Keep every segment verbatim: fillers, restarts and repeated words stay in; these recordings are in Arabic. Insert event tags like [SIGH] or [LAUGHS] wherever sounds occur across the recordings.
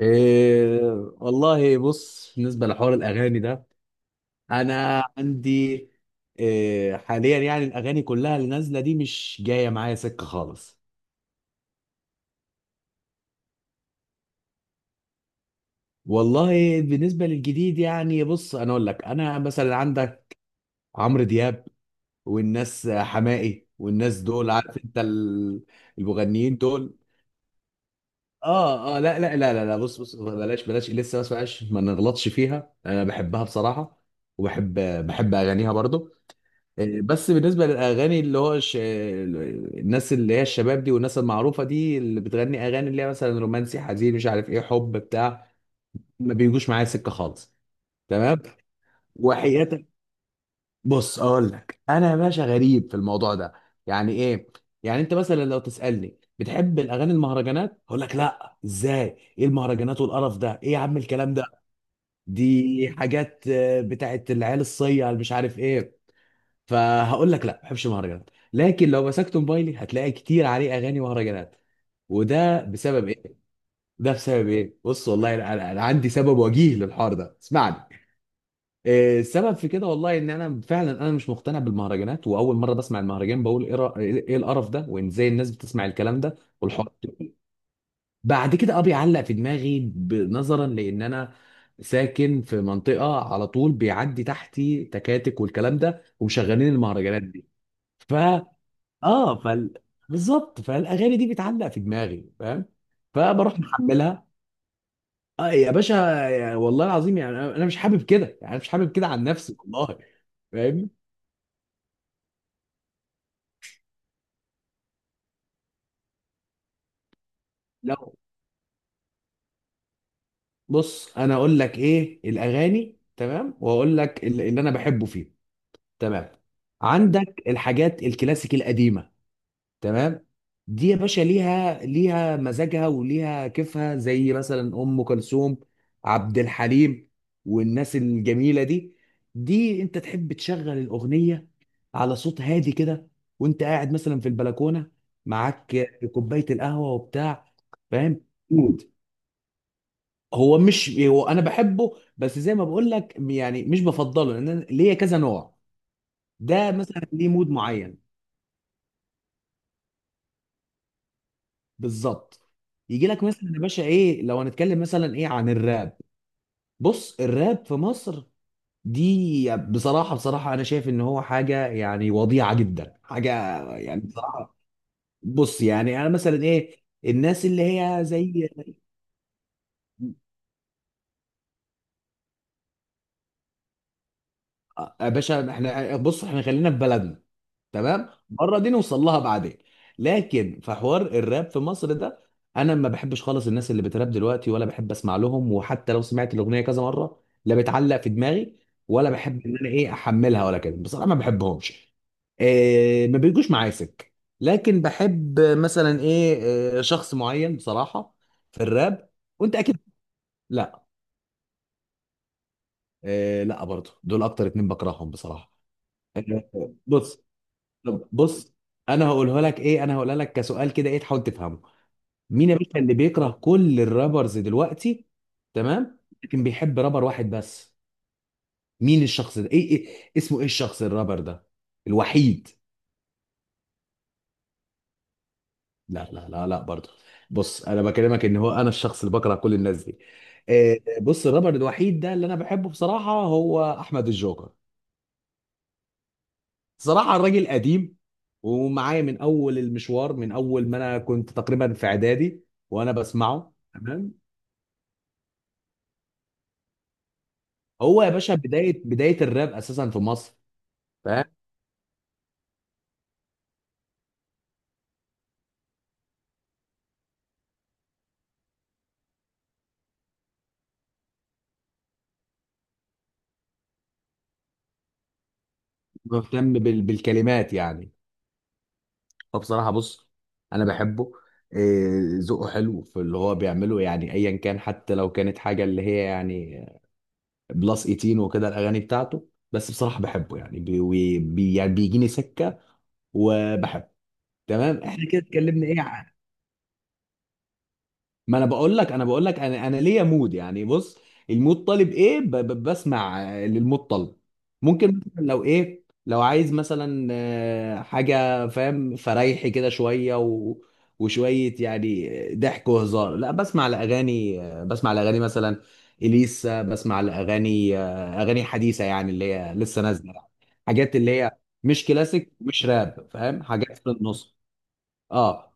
إيه، والله بص. بالنسبة لحوار الأغاني ده أنا عندي إيه حاليا، يعني الأغاني كلها اللي نازلة دي مش جاية معايا سكة خالص. والله بالنسبة للجديد، يعني بص أنا أقول لك، أنا مثلا عندك عمرو دياب والناس حماقي والناس دول، عارف أنت ال- المغنيين دول. اه اه، لا لا لا لا لا بص بص، بلاش بلاش لسه، بس بلاش ما نغلطش فيها، انا بحبها بصراحه. وبحب بحب اغانيها برضو. إيه، بس بالنسبة للأغاني اللي هو ش... الناس اللي هي الشباب دي والناس المعروفة دي اللي بتغني أغاني اللي هي مثلا رومانسي، حزين، مش عارف إيه، حب بتاع، ما بيجوش معايا سكة خالص. تمام، وحياتك بص أقول لك أنا يا باشا، غريب في الموضوع ده. يعني إيه؟ يعني أنت مثلا لو تسألني بتحب الأغاني المهرجانات، أقول لك لا، إزاي، إيه المهرجانات والقرف ده، إيه يا عم الكلام ده. دي حاجات آه، بتاعت العيال الصيع اللي مش عارف إيه. فهقول لك لا ما بحبش المهرجانات، لكن لو مسكت موبايلي هتلاقي كتير عليه اغاني مهرجانات. وده بسبب ايه؟ ده بسبب ايه؟ بص والله انا، أنا عندي سبب وجيه للحوار ده، اسمعني. إيه السبب في كده؟ والله ان انا فعلا انا مش مقتنع بالمهرجانات، واول مره بسمع المهرجان بقول ايه، را- إيه القرف ده، وان ازاي الناس بتسمع الكلام ده والحوار ده. بعد كده اه بيعلق في دماغي، ب- نظرا لان انا ساكن في منطقه على طول بيعدي تحتي تكاتك والكلام ده ومشغلين المهرجانات دي. اه فال، بالظبط، فالاغاني دي بتعلق في دماغي، فاهم؟ فبروح محملها. اه يا باشا، يا والله العظيم، يعني انا، أنا مش حابب كده، يعني أنا مش حابب كده عن نفسي والله. فاهم؟ لا بص انا اقول لك ايه الاغاني، تمام؟ واقول لك اللي اللي انا بحبه فيه. تمام، عندك الحاجات الكلاسيك القديمه. تمام، دي يا باشا ليها ليها مزاجها وليها كيفها، زي مثلا ام كلثوم، عبد الحليم، والناس الجميله دي. دي انت تحب تشغل الاغنيه على صوت هادي كده، وانت قاعد مثلا في البلكونه معاك كوبايه القهوه وبتاع. فاهم؟ مود. هو مش، هو انا بحبه بس زي ما بقول لك، يعني مش بفضله لان أنا ليا كذا نوع. ده مثلا ليه مود معين. بالظبط، يجي لك مثلا يا باشا ايه، لو هنتكلم مثلا ايه عن الراب. بص الراب في مصر دي، بصراحة بصراحة انا شايف ان هو حاجة يعني وضيعة جدا. حاجة يعني بصراحة، بص يعني انا مثلا ايه، الناس اللي هي زي، آه، يا باشا احنا بص، احنا خلينا في بلدنا. تمام، بره دي نوصل لها بعدين، لكن في حوار الراب في مصر ده انا ما بحبش خالص الناس اللي بتراب دلوقتي، ولا بحب اسمع لهم. وحتى لو سمعت الاغنيه كذا مره، لا بتعلق في دماغي، ولا بحب ان انا ايه احملها ولا كده. بصراحه ما بحبهمش، إيه، ما بيجوش معايا سكه. لكن بحب مثلا ايه، إيه، شخص معين بصراحه في الراب. وانت اكيد، لا، إيه لا، برضه دول اكتر اتنين بكرههم بصراحه. إيه، بص، طب بص، انا هقولها لك ايه، انا هقولها لك كسؤال كده، ايه، تحاول تفهمه. مين يا باشا اللي بيكره كل الرابرز دلوقتي؟ تمام، لكن بيحب رابر واحد بس. مين الشخص ده، ايه, إيه اسمه، ايه الشخص الرابر ده الوحيد؟ لا لا لا لا برضه، بص انا بكلمك ان هو انا الشخص اللي بكره كل الناس دي. آه، بص الرابر الوحيد ده اللي انا بحبه بصراحة هو احمد الجوكر. صراحة الراجل قديم ومعايا من أول المشوار، من أول ما أنا كنت تقريبا في إعدادي وأنا بسمعه. تمام، هو يا باشا بداية بداية الراب أساسا في مصر. فاهم؟ مهتم بال- بالكلمات يعني. فبصراحة بص، أنا بحبه، إيه، ذوقه حلو في اللي هو بيعمله، يعني أيا كان، حتى لو كانت حاجة اللي هي يعني بلس تمنتاشر وكده الأغاني بتاعته. بس بصراحة بحبه يعني، بي بي- يعني بيجيني سكة وبحبه. تمام، احنا كده اتكلمنا ايه. ما انا بقول لك انا بقول لك انا، انا ليا مود يعني. بص، المود طالب ايه، ب- ب- بسمع آه، للمود طالب. ممكن مثلا لو ايه، لو عايز مثلا آه، حاجه فاهم، فريحي كده شويه و... وشويه يعني ضحك وهزار، لا بسمع لاغاني آه، بسمع لاغاني مثلا اليسا، بسمع لاغاني آه، اغاني حديثه يعني اللي هي لسه نازله يعني. حاجات اللي هي مش كلاسيك، مش راب، فاهم، حاجات في النص. اه،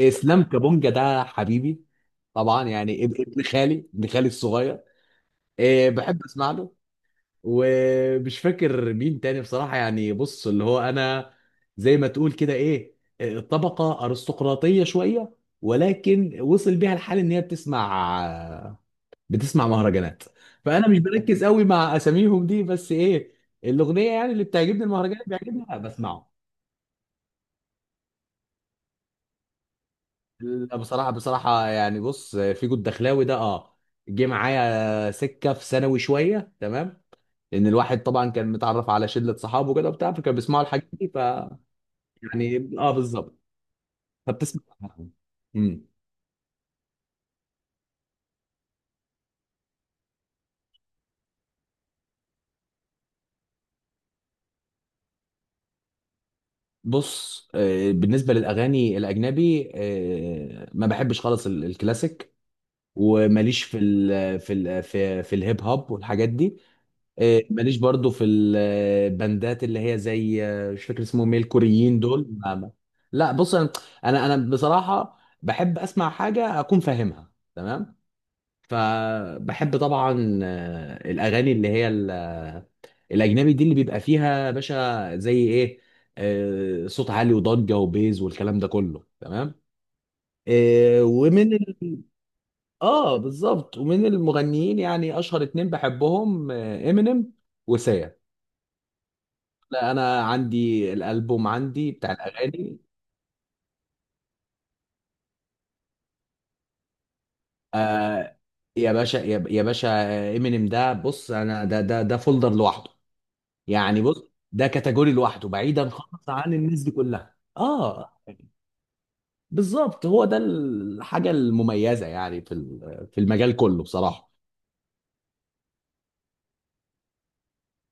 اسلام كابونجا ده حبيبي، طبعا يعني اب- ابن خالي، ابن خالي الصغير. إيه بحب اسمع له ومش فاكر مين تاني بصراحه. يعني بص اللي هو انا، زي ما تقول كده ايه، إيه، طبقه ارستقراطيه شويه، ولكن وصل بيها الحال ان هي بتسمع بتسمع مهرجانات. فانا مش بركز قوي مع اساميهم دي، بس ايه، الاغنيه يعني اللي بتعجبني المهرجانات بيعجبني بسمعه. لا بصراحة، بصراحة يعني بص، فيجو الدخلاوي ده اه، جه معايا سكة في ثانوي شوية، تمام، لأن الواحد طبعا كان متعرف على شلة صحابه كده وبتاع، فكانوا بيسمعوا الحاجات دي ف، يعني اه بالظبط، فبتسمع. امم، بص آه، بالنسبة للأغاني الأجنبي آه، ما بحبش خالص ال- الكلاسيك، وماليش في ال في ال في, في الهيب هوب والحاجات دي. إيه، ماليش برضو في الباندات اللي هي زي آه، مش فاكر اسمهم ايه، الكوريين دول ما- ما- لا بص انا، انا أنا بصراحه بحب اسمع حاجه اكون فاهمها. تمام، فبحب طبعا آه، الاغاني اللي هي ال- آه، الاجنبي دي اللي بيبقى فيها يا باشا زي ايه، آه، صوت عالي وضجه وبيز والكلام ده كله. تمام آه، ومن ال... اه بالظبط، ومن المغنيين يعني اشهر اتنين بحبهم، امينيم وسيا. لا انا عندي الالبوم عندي بتاع الاغاني. آه يا باشا، يا يا باشا، امينيم ده بص، انا ده ده ده فولدر لوحده، يعني بص، ده كاتيجوري لوحده، بعيدا خالص عن الناس دي كلها. اه بالظبط، هو ده الحاجه المميزه يعني في ال- في المجال كله بصراحه.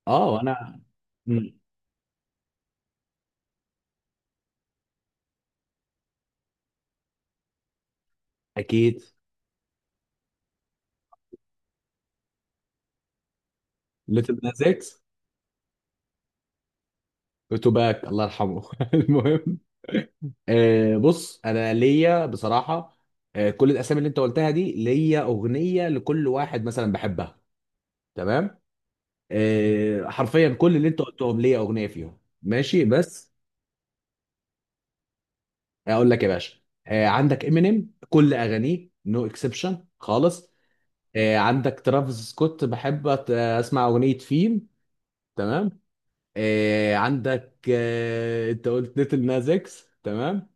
اه انا، اكيد، ليتل ناز اكس، وتوباك الله يرحمه [LAUGHS] المهم، آه، بص انا ليا بصراحه، آه، كل الاسامي اللي انت قلتها دي ليا اغنيه لكل واحد مثلا بحبها. تمام، آه، حرفيا كل اللي انت قلتهم ليا اغنيه فيهم، ماشي، بس اقول لك يا باشا. آه، عندك امينيم كل اغانيه نو اكسبشن خالص. آه، عندك ترافيس سكوت بحب أت- اسمع اغنيه فيم. تمام، آه، عندك آه، انت قلت ليتل ناز اكس. تمام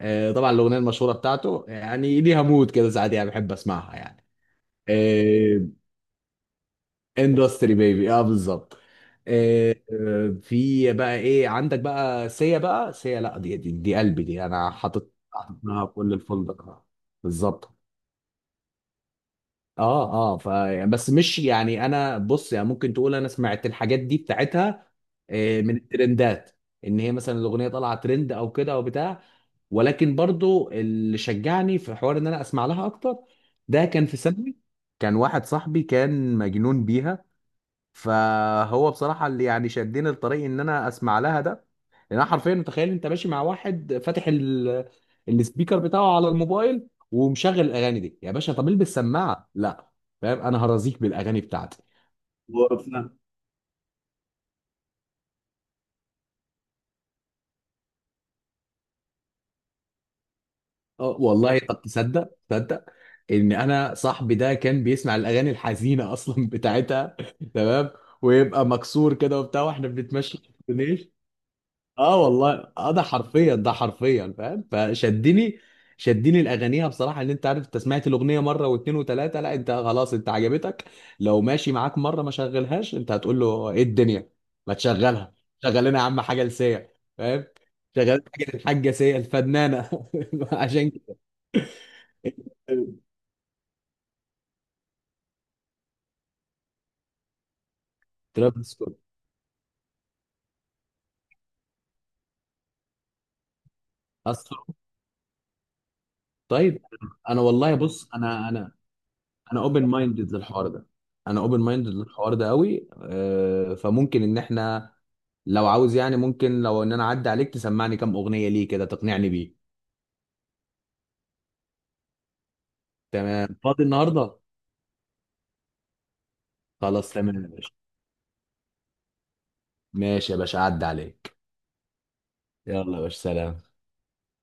آه، طبعا الاغنيه المشهوره بتاعته يعني ليها مود كده ساعات، يعني بحب اسمعها يعني. اندستري بيبي، اه بالظبط. آه، آه، في بقى ايه، عندك بقى سيا، بقى سيا لا، دي دي, دي قلبي دي، انا حاطط حاطط لها كل الفندق. آه، بالظبط. اه اه ف بس مش يعني انا، بص يعني ممكن تقول انا سمعت الحاجات دي بتاعتها آه، من الترندات، ان هي مثلا الاغنيه طالعه ترند او كده او بتاع. ولكن برضو اللي شجعني في حوار ان انا اسمع لها اكتر، ده كان في ثانوي، كان واحد صاحبي كان مجنون بيها. فهو بصراحة اللي يعني شدني لطريق ان انا اسمع لها ده. لان انا حرفيا متخيل انت ماشي مع واحد فاتح ال... السبيكر بتاعه على الموبايل ومشغل الاغاني دي يا باشا، طب البس سماعة لا، فاهم؟ انا هرازيك بالاغاني بتاعتي. وقفنا. اه والله، طب تصدق تصدق ان انا صاحبي ده كان بيسمع الاغاني الحزينه اصلا بتاعتها [LAUGHS] تمام، ويبقى مكسور كده وبتاع واحنا بنتمشى في الكورنيش. اه والله اه، ده حرفيا، ده حرفيا فاهم، فشدني، شدني الاغانيها بصراحه، ان انت عارف، انت سمعت الاغنيه مره واثنين وثلاثه لا انت خلاص انت عجبتك. لو ماشي معاك مره ما شغلهاش، انت هتقول له ايه الدنيا، ما تشغلها. شغل لنا يا عم حاجه لسيا، فاهم؟ شغل حاجه، الحاجه سيا الفنانه [LAUGHS] عشان كده. ترافيس سكوت اصلا، طيب. انا والله بص انا، انا انا اوبن مايندد للحوار ده، انا اوبن مايندد للحوار ده قوي آه، فممكن ان احنا، لو عاوز يعني، ممكن لو ان انا اعدي عليك تسمعني كام اغنيه ليه كده تقنعني بيه. تمام، فاضي النهارده. خلاص تمام يا باشا، ماشي يا باشا، اعدي عليك. يلا يا باشا، سلام.